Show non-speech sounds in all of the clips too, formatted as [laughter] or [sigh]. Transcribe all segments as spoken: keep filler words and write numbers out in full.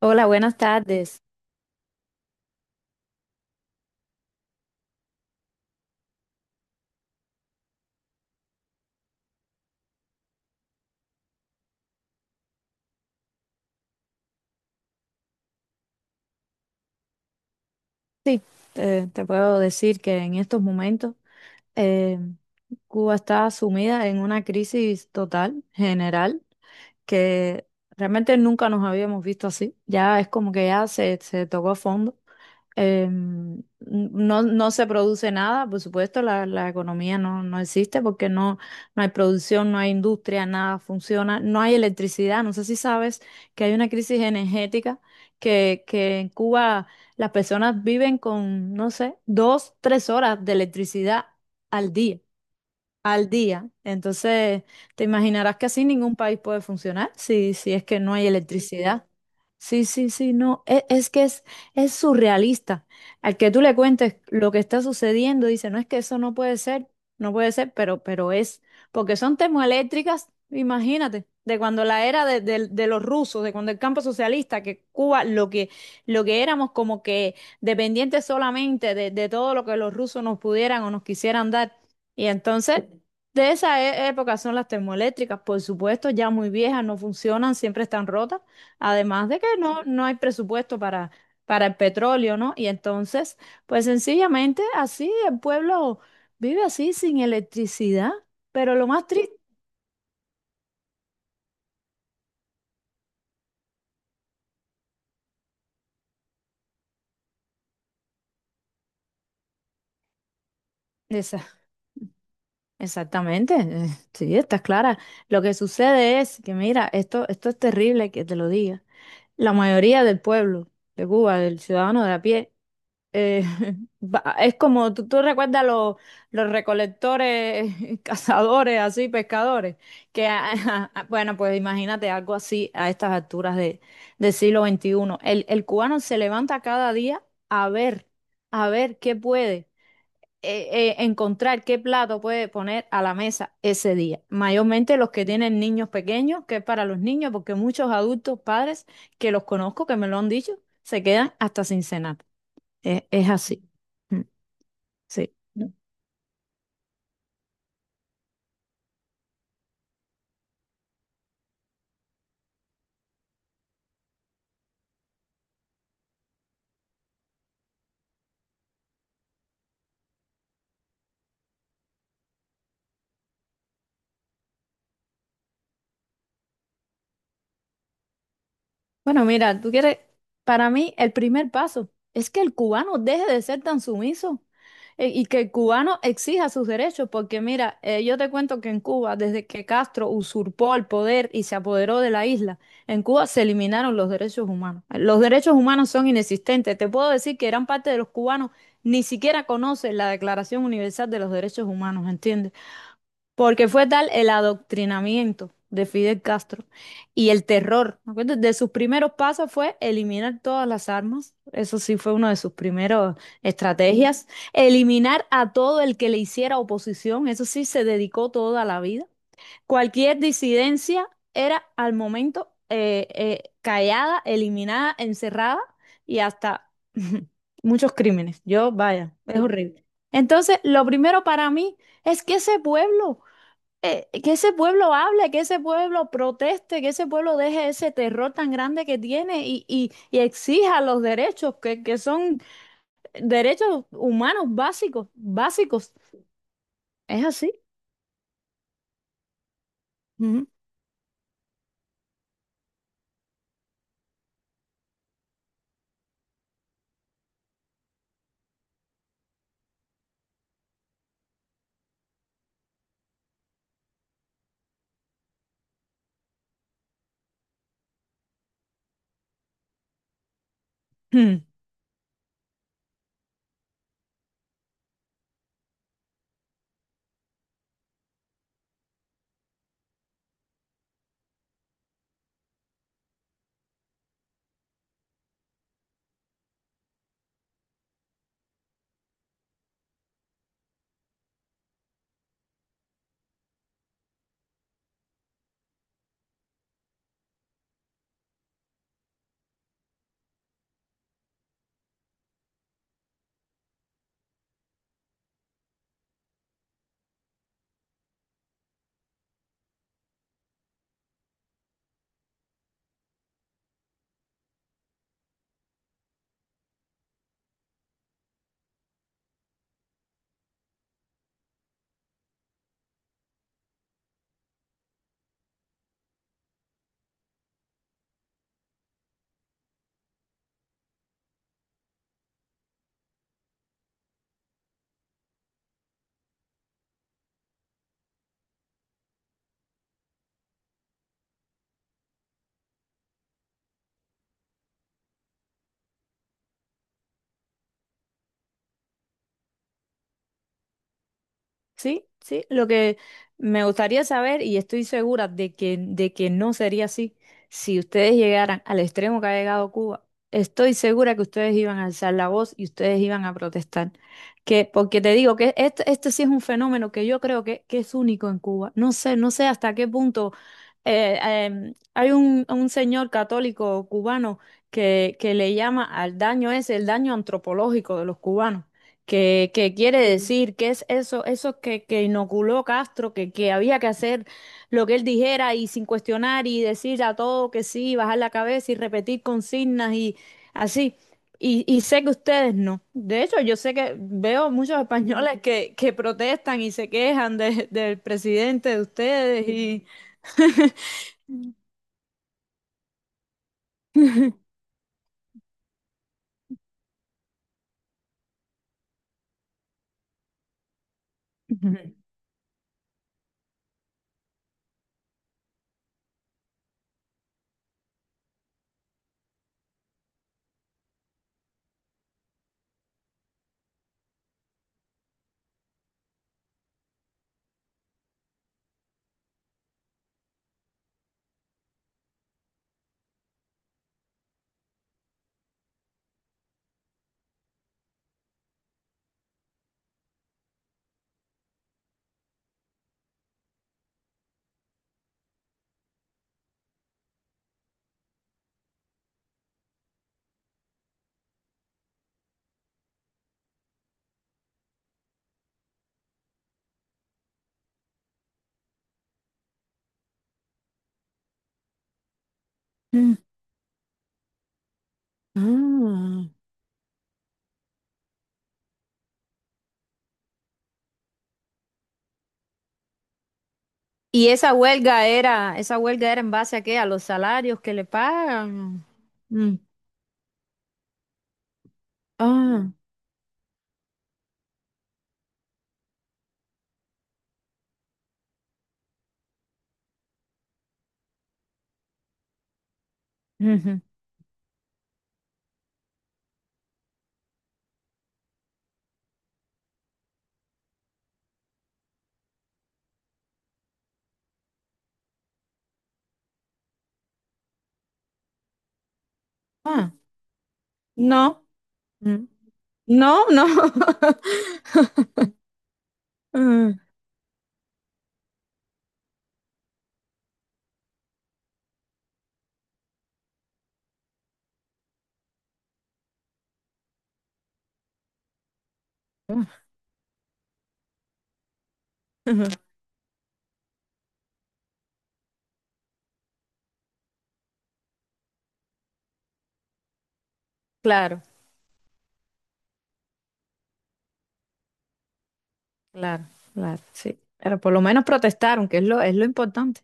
Hola, buenas tardes. Sí, te, te puedo decir que en estos momentos eh, Cuba está sumida en una crisis total, general, que realmente nunca nos habíamos visto así. Ya es como que ya se, se tocó fondo. Em, no, no se produce nada, por supuesto, la, la economía no, no existe porque no, no hay producción, no hay industria, nada funciona, no hay electricidad. No sé si sabes que hay una crisis energética que, que en Cuba las personas viven con, no sé, dos, tres horas de electricidad al día al día. Entonces, te imaginarás que así ningún país puede funcionar si, si es que no hay electricidad. Sí, sí, sí, no, e- es, que es, es surrealista. Al que tú le cuentes lo que está sucediendo, dice, no es que eso no puede ser, no puede ser, pero, pero es, porque son termoeléctricas, imagínate, de cuando la era de, de- de los rusos, de cuando el campo socialista, que Cuba, lo que, lo que éramos como que dependientes solamente de, de todo lo que los rusos nos pudieran o nos quisieran dar. Y entonces, de esa e- época son las termoeléctricas, por supuesto, ya muy viejas, no funcionan, siempre están rotas, además de que no, no hay presupuesto para, para el petróleo, ¿no? Y entonces, pues sencillamente así el pueblo vive así sin electricidad, pero lo más triste, esa- exactamente, eh, sí, está clara. Lo que sucede es que, mira, esto, esto es terrible que te lo diga. La mayoría del pueblo de Cuba, del ciudadano de a pie, Eh, [laughs] va- es como tú, tú recuerdas los, los recolectores, [laughs] cazadores, así, pescadores, que, a- [laughs] bueno, pues imagínate algo así a estas alturas de, del siglo veintiuno. El, el cubano se levanta cada día a ver, a ver qué puede eh, eh, encontrar, qué plato puede poner a la mesa ese día. Mayormente los que tienen niños pequeños, que es para los niños, porque muchos adultos, padres que los conozco, que me lo han dicho, se quedan hasta sin cenar. Es, es así. Mm. Sí. Bueno, mira, tú quieres, para mí el primer paso es que el cubano deje de ser tan sumiso eh, y que el cubano exija sus derechos, porque mira, eh, yo te cuento que en Cuba, desde que Castro usurpó el poder y se apoderó de la isla, en Cuba se eliminaron los derechos humanos. Los derechos humanos son inexistentes. Te puedo decir que gran parte de los cubanos ni siquiera conocen la Declaración Universal de los Derechos Humanos, ¿entiendes? Porque fue tal el adoctrinamiento de Fidel Castro y el terror. ¿Me acuerdas? De sus primeros pasos fue eliminar todas las armas. Eso sí fue una de sus primeras estrategias. Eliminar a todo el que le hiciera oposición. Eso sí se dedicó toda la vida. Cualquier disidencia era al momento eh, eh, callada, eliminada, encerrada y hasta [laughs] muchos crímenes. Yo, vaya, es horrible. Entonces, lo primero para mí es que ese pueblo eh, que ese pueblo hable, que ese pueblo proteste, que ese pueblo deje ese terror tan grande que tiene y, y, y exija los derechos, que, que son derechos humanos básicos, básicos. Es así. Ujú. Sí, sí, lo que me gustaría saber, y estoy segura de que, de que no sería así, si ustedes llegaran al extremo que ha llegado Cuba, estoy segura que ustedes iban a alzar la voz y ustedes iban a protestar. Que, porque te digo que este, este sí es un fenómeno que yo creo que, que es único en Cuba. No sé, no sé hasta qué punto eh, em, hay un, un señor católico cubano que, que le llama al daño ese, el daño antropológico de los cubanos. ¿Qué, qué quiere decir? ¿Qué es eso? Eso que, que inoculó Castro, que, que había que hacer lo que él dijera y sin cuestionar y decir a todo que sí, bajar la cabeza y repetir consignas y así. Y, y sé que ustedes no. De hecho, yo sé que veo muchos españoles que, que protestan y se quejan de- del presidente de ustedes y... [laughs] Ah. ¿Y esa huelga era, esa huelga era en base a qué? ¿A los salarios que le pagan? Mm. Ah, ujú. Ah, no, mm, no, no. [laughs] Mm. Claro, claro, claro, sí. Pero por lo menos protestaron, que es lo, es lo importante.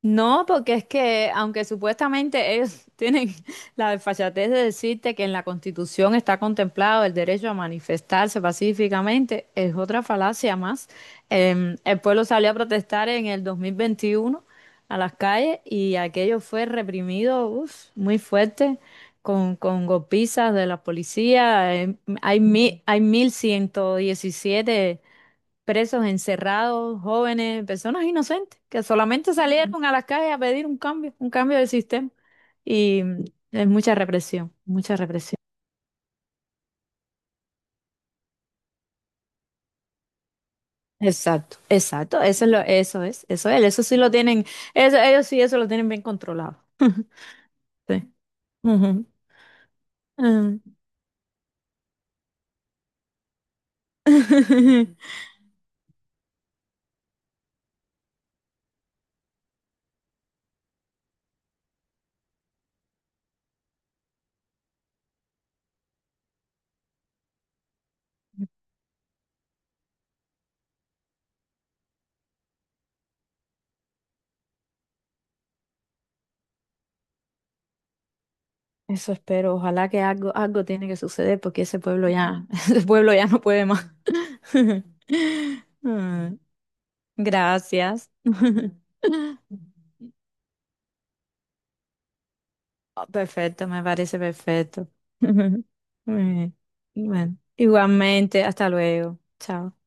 No, porque es que, aunque supuestamente ellos [laughs] tienen la desfachatez de decirte que en la Constitución está contemplado el derecho a manifestarse pacíficamente, es otra falacia más. Eh, el pueblo salió a protestar en el dos mil veintiuno a las calles y aquello fue reprimido, uf, muy fuerte, con, con golpizas de la policía. Eh, hay, mi- hay mil ciento diecisiete presos, encerrados, jóvenes, personas inocentes que solamente salieron a las calles a pedir un cambio, un cambio del sistema. Y mm, es mucha represión, mucha represión. Exacto, exacto, eso es lo, eso es, eso es, eso sí lo tienen, eso, ellos sí eso lo tienen bien controlado. Sí. Ujú. Mm. [laughs] Eso espero, ojalá que algo, algo tiene que suceder porque ese pueblo ya, [laughs] ese pueblo ya no puede más. [laughs] Mm. Gracias. [laughs] Oh, perfecto, me parece perfecto. [laughs] Muy bien. Bueno, igualmente, hasta luego. Chao.